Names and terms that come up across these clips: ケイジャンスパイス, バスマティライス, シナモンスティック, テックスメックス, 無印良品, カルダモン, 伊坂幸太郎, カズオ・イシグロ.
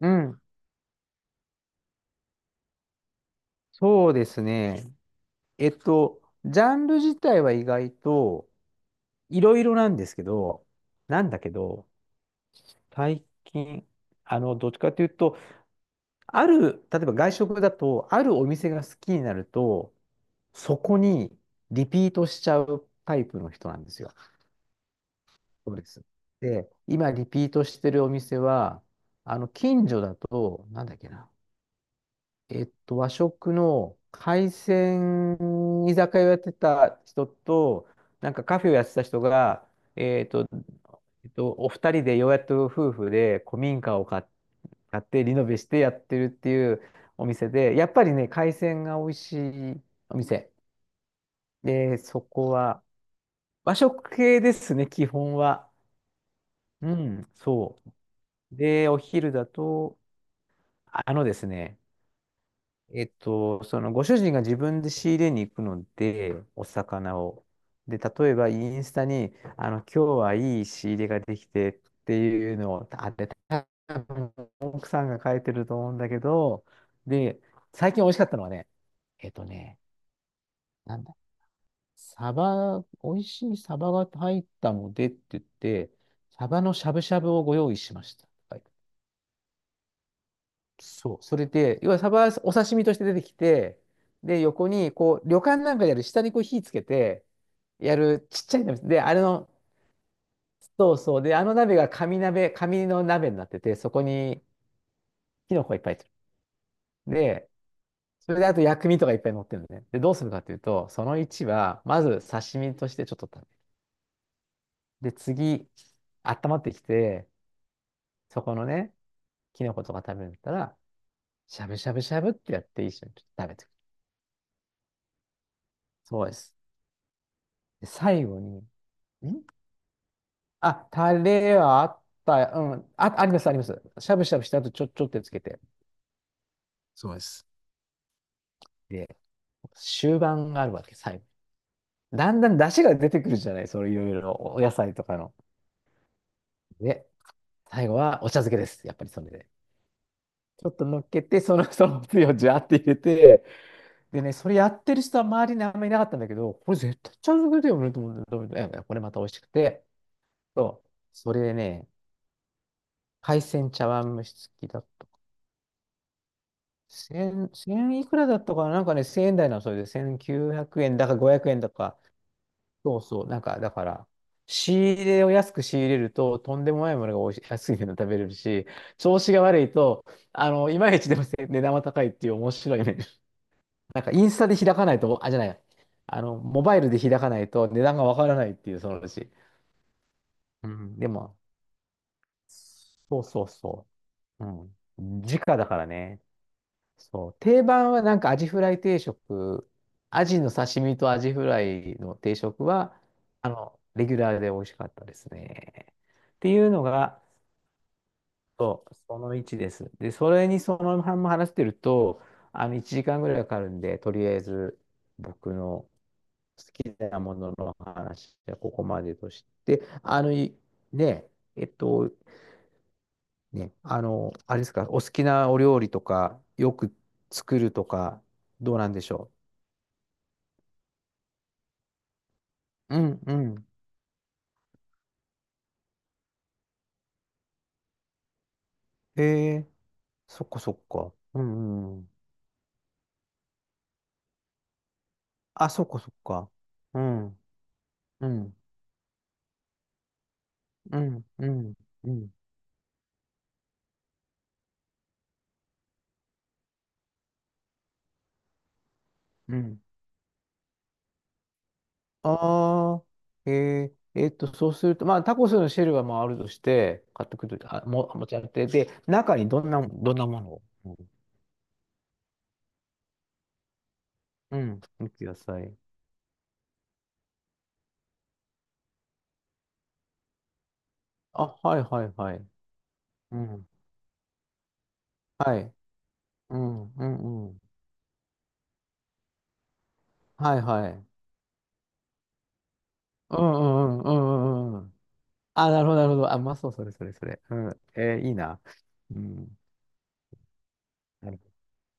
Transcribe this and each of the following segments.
うん、そうですね。えっと、ジャンル自体は意外といろいろなんですけど、なんだけど、最近、どっちかというと、例えば外食だと、あるお店が好きになると、そこにリピートしちゃうタイプの人なんですよ。そうです。で、今リピートしてるお店は、近所だと、なんだっけな、和食の海鮮居酒屋をやってた人と、なんかカフェをやってた人が、えっと、お二人でようやっと夫婦で古民家を買っ買ってリノベしてやってるっていうお店で、やっぱりね、海鮮が美味しいお店。で、そこは和食系ですね、基本は。うん、そう。で、お昼だと、あのですね、そのご主人が自分で仕入れに行くので、お魚を。で、例えばインスタに、あの、今日はいい仕入れができてっていうのを、多分奥さんが書いてると思うんだけど、で、最近美味しかったのはね、えっとね、なんだ、美味しいサバが入ったのでって言って、サバのしゃぶしゃぶをご用意しました。はい。そう、それで、要はサバ、お刺身として出てきて、で、横に、こう、旅館なんかでやる、下にこう火つけて、やるちっちゃい鍋。で、あれの、そうそう、で、あの鍋が紙鍋、紙の鍋になってて、そこにキノコがいっぱい入ってる。で、それであと薬味とかいっぱい乗ってるのね。で、どうするかというと、その1は、まず刺身としてちょっと食べる。で、次、温まってきて、そこのね、キノコとか食べるんだったら、しゃぶしゃぶしゃぶってやって一緒にちょっと食べてくる。そうです。で、最後に、ん、あ、タレはあった、うん、あ、あります、あります。しゃぶしゃぶした後、ちょっとつけて。そうです。で、終盤があるわけ、最後。だんだん出汁が出てくるじゃない、それいろいろお野菜とかの。で、最後はお茶漬けです。やっぱりそれで。ちょっと乗っけて、そのつゆをジャーって入れて、でね、それやってる人は周りにあんまりいなかったんだけど、これ絶対茶漬けだよねと思って、どう見てもいやいやこれまた美味しくて、そう、それでね、海鮮茶碗蒸し付きだ、千いくらだったかななんかね、千円台なの、それで1900円だか500円だか。そうそう。なんか、だから、仕入れを安く仕入れると、とんでもないものがおいし、 安いの食べれるし、調子が悪いと、あの、いまいちでも値段は高いっていう面白いね。なんか、インスタで開かないと、あ、じゃない。あの、モバイルで開かないと値段がわからないっていう、そのうち。うん、でも、そうそうそう。うん。時価だからね。そう。定番はなんかアジフライ定食、アジの刺身とアジフライの定食は、あの、レギュラーで美味しかったですね。っていうのが、そう、その1です。で、それにそのまんま話してると、あの、1時間ぐらいかかるんで、とりあえず僕の好きなものの話はここまでとして、あの、い、ね、えっと、ね、あの、あれですか、お好きなお料理とか、よく作るとか、どうなんでしょう。うんうん。へえ、そっかそっか。うんうん。あ、そっかそっか。うん、うん、うん、うん、うん、うん。ああ、へえ、そうすると、まあ、タコスのシェルはまああるとして、買ってくると、持ち歩いて、で、中にどんな、どんなものを、うん、うん、ください。あ、はいはいはい。うん、はい。うん、うん、うん。はいはい。うんうんうんうんうんうん。あ、なるほど、なるほど。あ、まあそう、それ。うん。えーいいな。うん。なる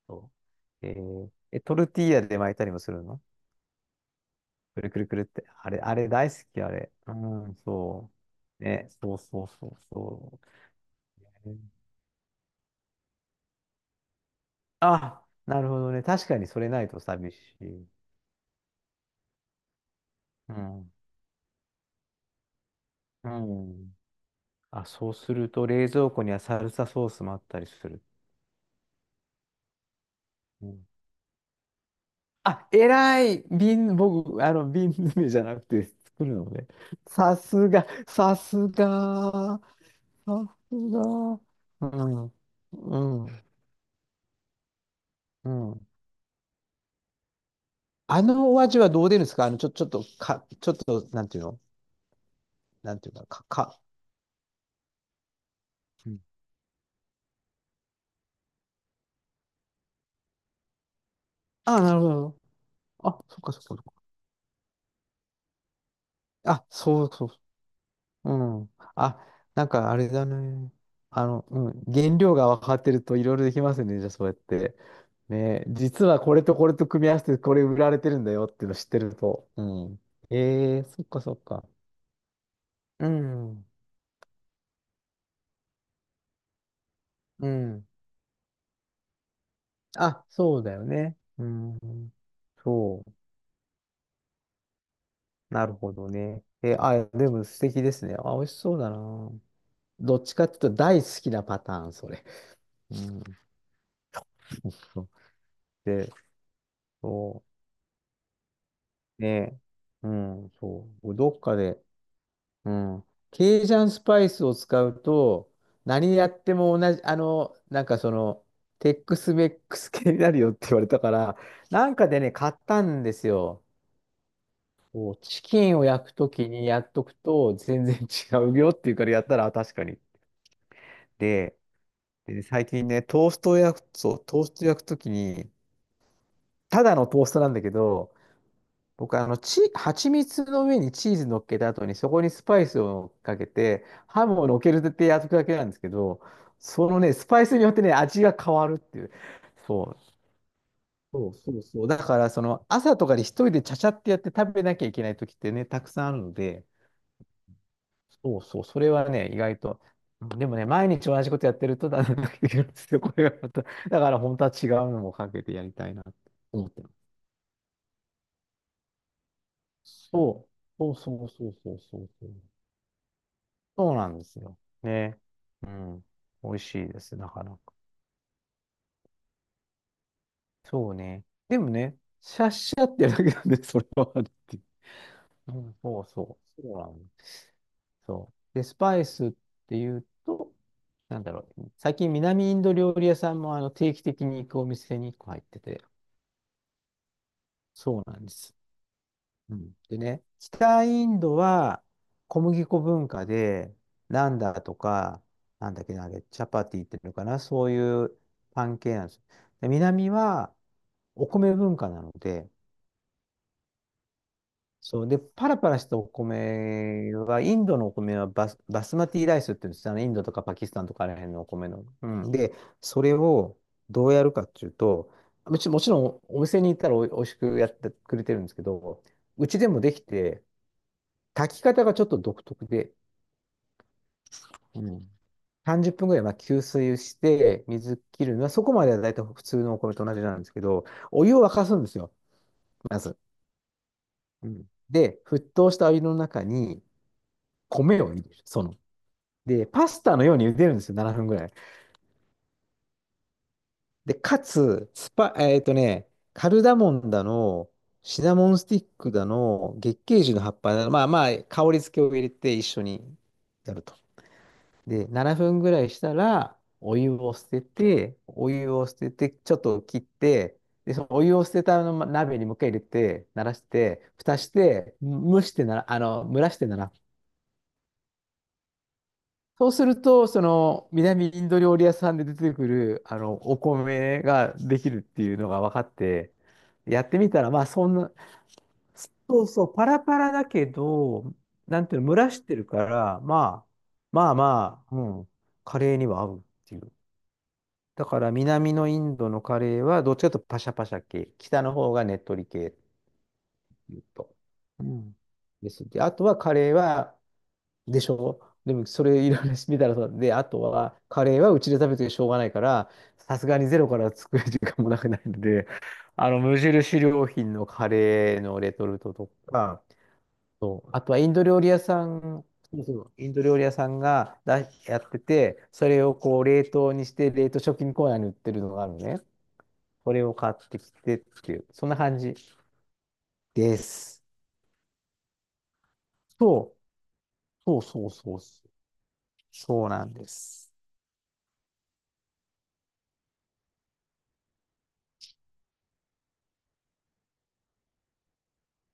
ほど。えー、え、トルティーヤで巻いたりもするの、くるくるくるって。あれ大好き、あれ。うん、そう。ね、そうそうそうそう。えー、あ、なるほどね。確かにそれないと寂しい。うん。うん。あ、そうすると冷蔵庫にはサルサソースもあったりする。うん、あ、偉い、瓶、僕、あの、瓶詰めじゃなくて作るので、さすが、さすが、さすが、うん、うん、うん。あのお味はどう出るんですかあの、ちょっと、ちょっと、なんていうの、なんていうか、か。うん、あ、なるほど。あ、そっか。あ、そうそう、うん。あ、なんかあれだね。あの、うん。原料が分かってるといろいろできますね。じゃあそうやって。ね。実はこれとこれと組み合わせてこれ売られてるんだよっていうの知ってると。うん。ええ、そっか。うん。うん。あ、そうだよね。うん。そう。なるほどね。え、あ、でも素敵ですね。あ、美味しそうだな。どっちかっていうと大好きなパターン、それ。うん。そうそう、で、そうね、うん、そう、どっかで、うん、ケイジャンスパイスを使うと、何やっても同じ、あの、なんかその、テックスメックス系になるよって言われたから、なんかでね、買ったんですよ。こうチキンを焼くときにやっとくと全然違うよっていうからやったら、あ確かに。で、でね最近ね、トーストを焼くときに、ただのトーストなんだけど、僕はあの、蜂蜜の上にチーズ乗っけた後に、そこにスパイスをかけて、ハムを乗っけるってやつだけなんですけど、そのね、スパイスによってね、味が変わるっていう。そう。そうそうそう。だから、その、朝とかに一人でちゃちゃってやって食べなきゃいけない時ってね、たくさんあるので、そうそう、それはね、意外と。でもね、毎日同じことやってると、だんだん飽きてくるんですよ、これがまた。だから、本当は違うのもかけてやりたいなと思ってます。そう。そうそうそうそうそうそう。そうなんですよ。ね。うん。美味しいです、なかなか。そうね。でもね、シャッシャってだけなんで、それはあるっていう。うん、そうそう。そうなんです。そう。で、スパイスっていうと、なんだろう。最近南インド料理屋さんもあの定期的に行くお店に1個入ってて、そうなんです。うん、でね、北インドは小麦粉文化で、ナンダとか、なんだっけな、あれチャパティっていうのかな、そういうパン系なんです。で、南はお米文化なので、そう、で、パラパラしたお米は、インドのお米はバスマティライスって言うんですよ、あの、インドとかパキスタンとかあら辺のお米の。うん、で、それをどうやるかっていうと、もちろんお店に行ったらおいしくやってくれてるんですけど、うちでもできて、炊き方がちょっと独特で、うん。30分ぐらいまあ吸水して、水切るのは、そこまでは大体普通のお米と同じなんですけど、お湯を沸かすんですよ、まず。うん。で、沸騰したお湯の中に米を入れる、その。で、パスタのように茹でるんですよ、7分ぐらい。で、かつ、スパ、えっとね、カルダモンだの、シナモンスティックだの、月桂樹の葉っぱだの、まあまあ、香り付けを入れて一緒にやると。で、7分ぐらいしたら、お湯を捨てて、ちょっと切って、で、そのお湯を捨てたあの鍋にもう一回入れて、慣らして、蓋して、蒸らしてなら。そうすると、その、南インド料理屋さんで出てくる、あの、お米ができるっていうのが分かって、やってみたら、まあ、そんな、そうそう、パラパラだけど、なんていうの、蒸らしてるから、まあ、まあまあ、うん、カレーには合うっていう。だから南のインドのカレーはどっちかというとパシャパシャ系。北の方がねっとり系っていうと。うん。です。で、あとはカレーは、でしょ、でもそれいろいろ見たらそうで、あとはカレーはうちで食べてしょうがないから、さすがにゼロから作る時間もなくないので、あの無印良品のカレーのレトルトとか、そうあとはインド料理屋さん、そうそうインド料理屋さんがやってて、それをこう冷凍にして冷凍食品コーナーに売ってるのがあるのね。これを買ってきてっていう、そんな感じです。そう、そうそうそうそう。そうなんです。